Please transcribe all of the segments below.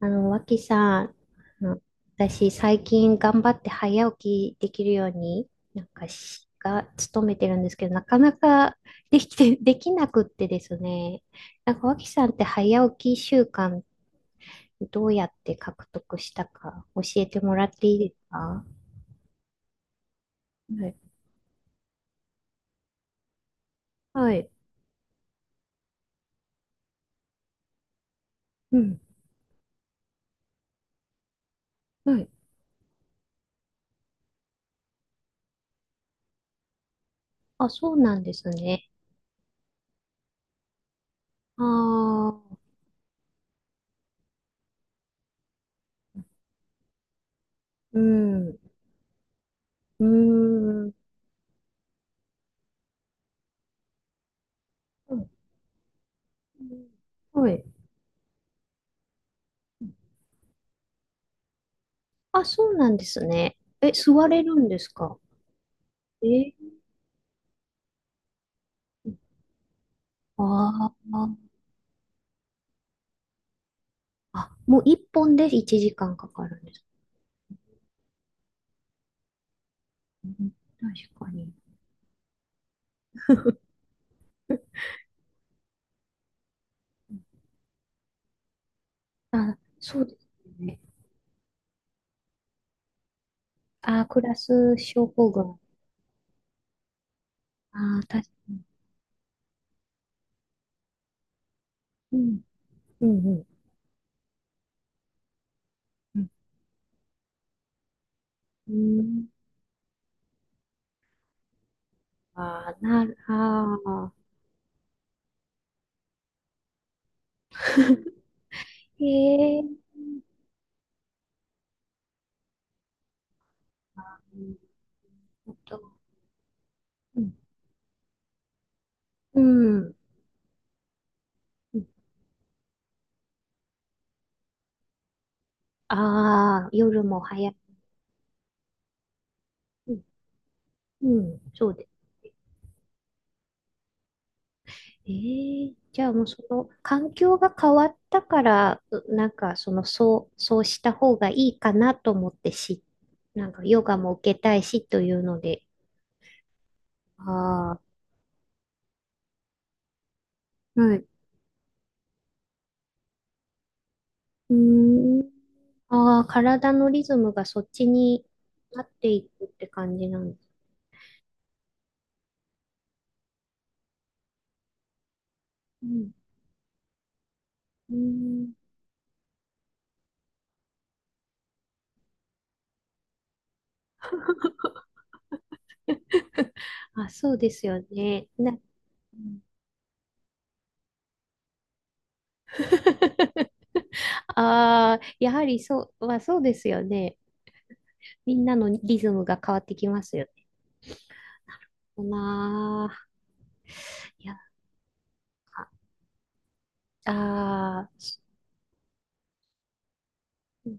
脇さん、あの私、最近頑張って早起きできるように、なんかし、が、努めてるんですけど、なかなかできて、できなくってですね。なんか、脇さんって早起き習慣、どうやって獲得したか、教えてもらっていいですか？はい。はい。うん。はい。あ、そうなんですね。ああ、うん。うーん。うん。はい。あ、そうなんですね。え、座れるんですか？えー、あー。あ、もう一本で1時間かんかかるんです。うん。確かに。あ、そうですね。あ、クラス症候群。あー、確かに。うん、うん、うん。うん、あー、なる、あー。へえー。うん。あと、うん。うん。ああ、夜も早い。うん、うん、そうです。ええ、じゃあもうその環境が変わったから、そうした方がいいかなと思ってし、なんかヨガも受けたいしというので、ああ、はい。うーん、ああ、体のリズムがそっちになっていくって感じなんです。うん、うーん、あ、そうですよね。な、あ。 あ、やはりそう、まあ、そうですよね。みんなのリズムが変わってきますよね。なあ。いや。あ。あー、そう。う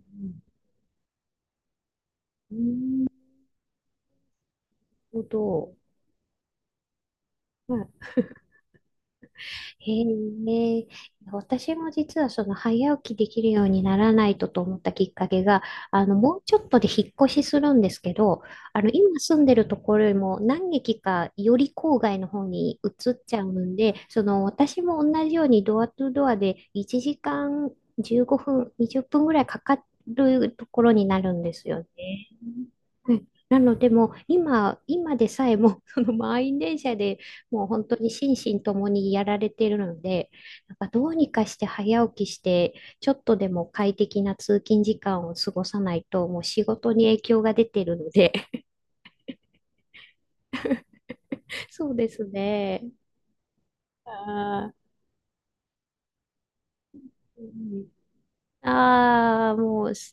ん。なるほど。まあ、へえ、私も実はその早起きできるようにならないとと思ったきっかけが、もうちょっとで引っ越しするんですけど、今住んでるところよりも何駅かより郊外の方に移っちゃうんで、その私も同じようにドアトゥドアで1時間15分、20分ぐらいかかるところになるんですよね。はい。なのでもう今でさえもその満員電車でもう本当に心身ともにやられてるので、なんかどうにかして早起きして、ちょっとでも快適な通勤時間を過ごさないと、もう仕事に影響が出てるので。そうですね。あー、うん。あー、もう。そ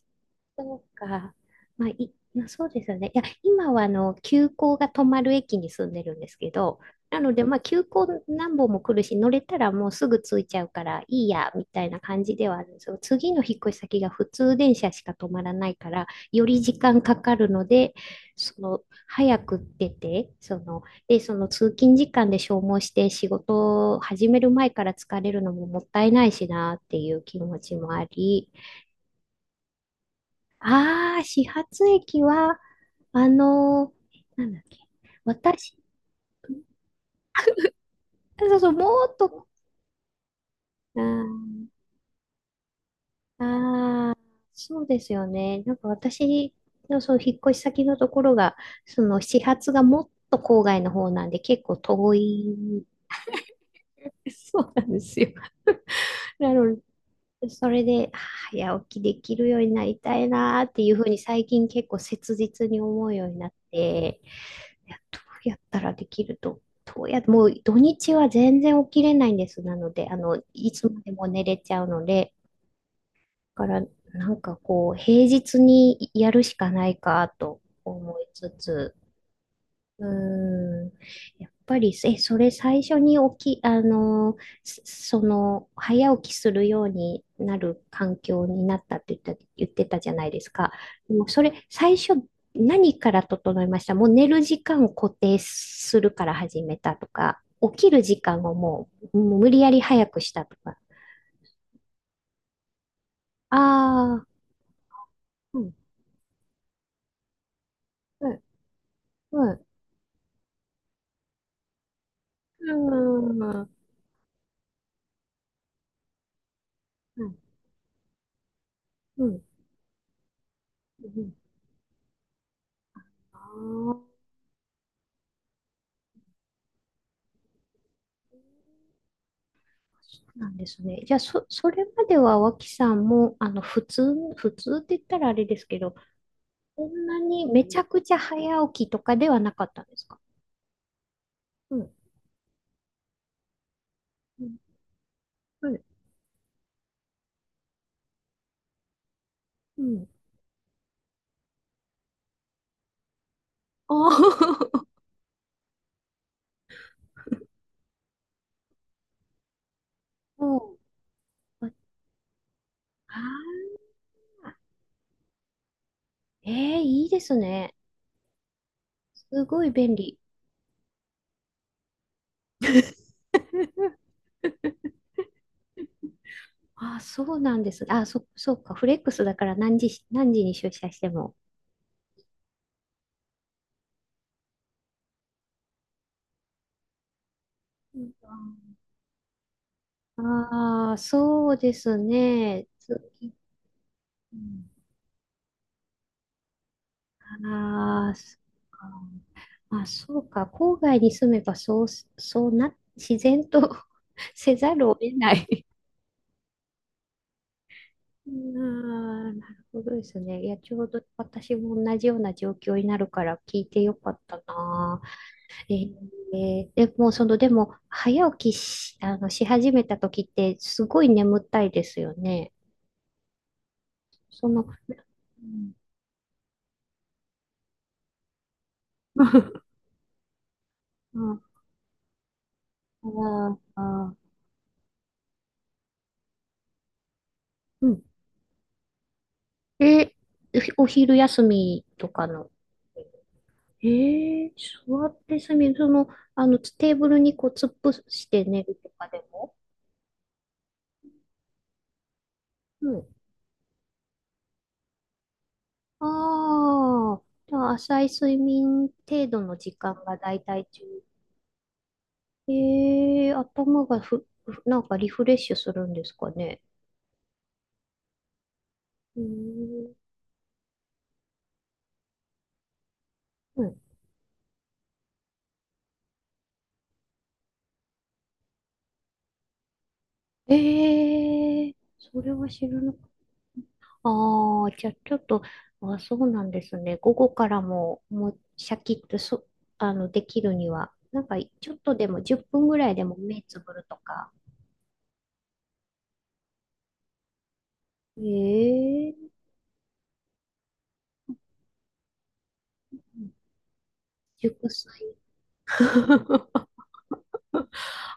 うか。まあ、い、そうですよね。いや、今は急行が止まる駅に住んでるんですけど、なので、まあ、急行何本も来るし、乗れたらもうすぐ着いちゃうから、いいや、みたいな感じではあるんですよ。次の引っ越し先が普通電車しか止まらないから、より時間かかるので、その、早く出て、その、で、その通勤時間で消耗して仕事を始める前から疲れるのももったいないしなっていう気持ちもあり、ああ、始発駅は、あのなんだっけ。私、そうそう、もっと、あー。あー、そうですよね。なんか私のその引っ越し先のところが、その始発がもっと郊外の方なんで、結構遠い。そうなんですよ。なので、それで、早起きできるようになりたいなーっていうふうに最近結構切実に思うようになって、いや、どうやったらできると、どうや、もう土日は全然起きれないんです。なので、いつまでも寝れちゃうので、だから、なんかこう、平日にやるしかないかと思いつつ、うーん。やっぱり、え、それ最初に起き、その、早起きするようになる環境になったって言ってたじゃないですか。もうそれ、最初、何から整いました？もう寝る時間を固定するから始めたとか、起きる時間をもう、もう無理やり早くしたとか。ああ、うん、うん、うん、うん、うん、うん、うん、ああ、そうなんですね。じゃあ、そ、それまでは脇さんも、普通って言ったらあれですけど、こんなにめちゃくちゃ早起きとかではなかったんですか？うん。うん。はい。うん。あー。 おー。あー、ええ、いいですね。すごい便利。あー、そうなんです。あー、そ、そうか。フレックスだから何時に出社しても。うん。ああ、そうですね。次。うん。ああ、そっか。まあ、そうか。郊外に住めば、そうな、自然と せざるを得ない。ああ、なるほどですね。いや、ちょうど私も同じような状況になるから聞いてよかったな。えー、でも、早起きし、し始めた時って、すごい眠たいですよね。その、うん。ああ、ああ、うん。え、お昼休みとかの？ええ、座ってすみる。その、テーブルにこう突っ伏して寝るとかでも？うん。ああ、じゃあ浅い睡眠程度の時間がだいたい中。ええ、頭がふなんかリフレッシュするんですかね。うーん。うん。ええ、それは知らなか。ああ、じゃあちょっと、あ、そうなんですね。午後からも、もうシャキッとそ、できるには、なんかちょっとでも10分ぐらいでも目つぶるとか。ええ、熟睡。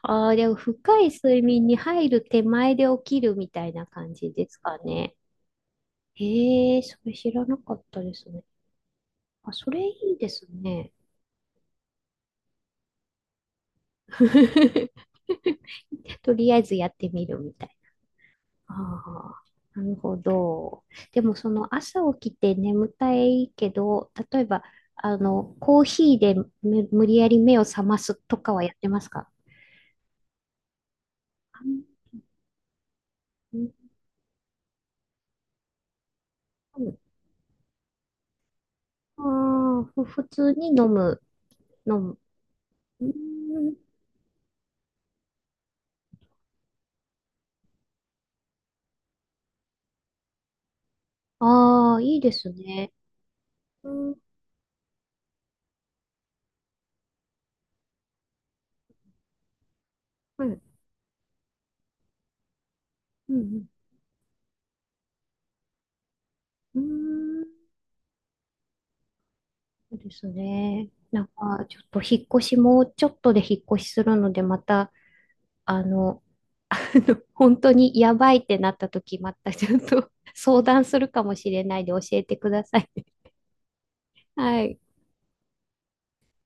ああ、でも深い睡眠に入る手前で起きるみたいな感じですかね。ええ、それ知らなかったですね。あ、それいいですね。とりあえずやってみるみたいな。ああ、なるほど。でもその朝起きて眠たいけど、例えば、コーヒーで無理やり目を覚ますとかはやってますか？うん。うん。ああ、普通に飲む。うん。ああ、いいですね。うん、はい。うん、うん。うん。そうですね。なんか、ちょっと引っ越しも、ちょっとで引っ越しするので、また、あの、本当にやばいってなった時、またちょっと 相談するかもしれないで教えてください。はい。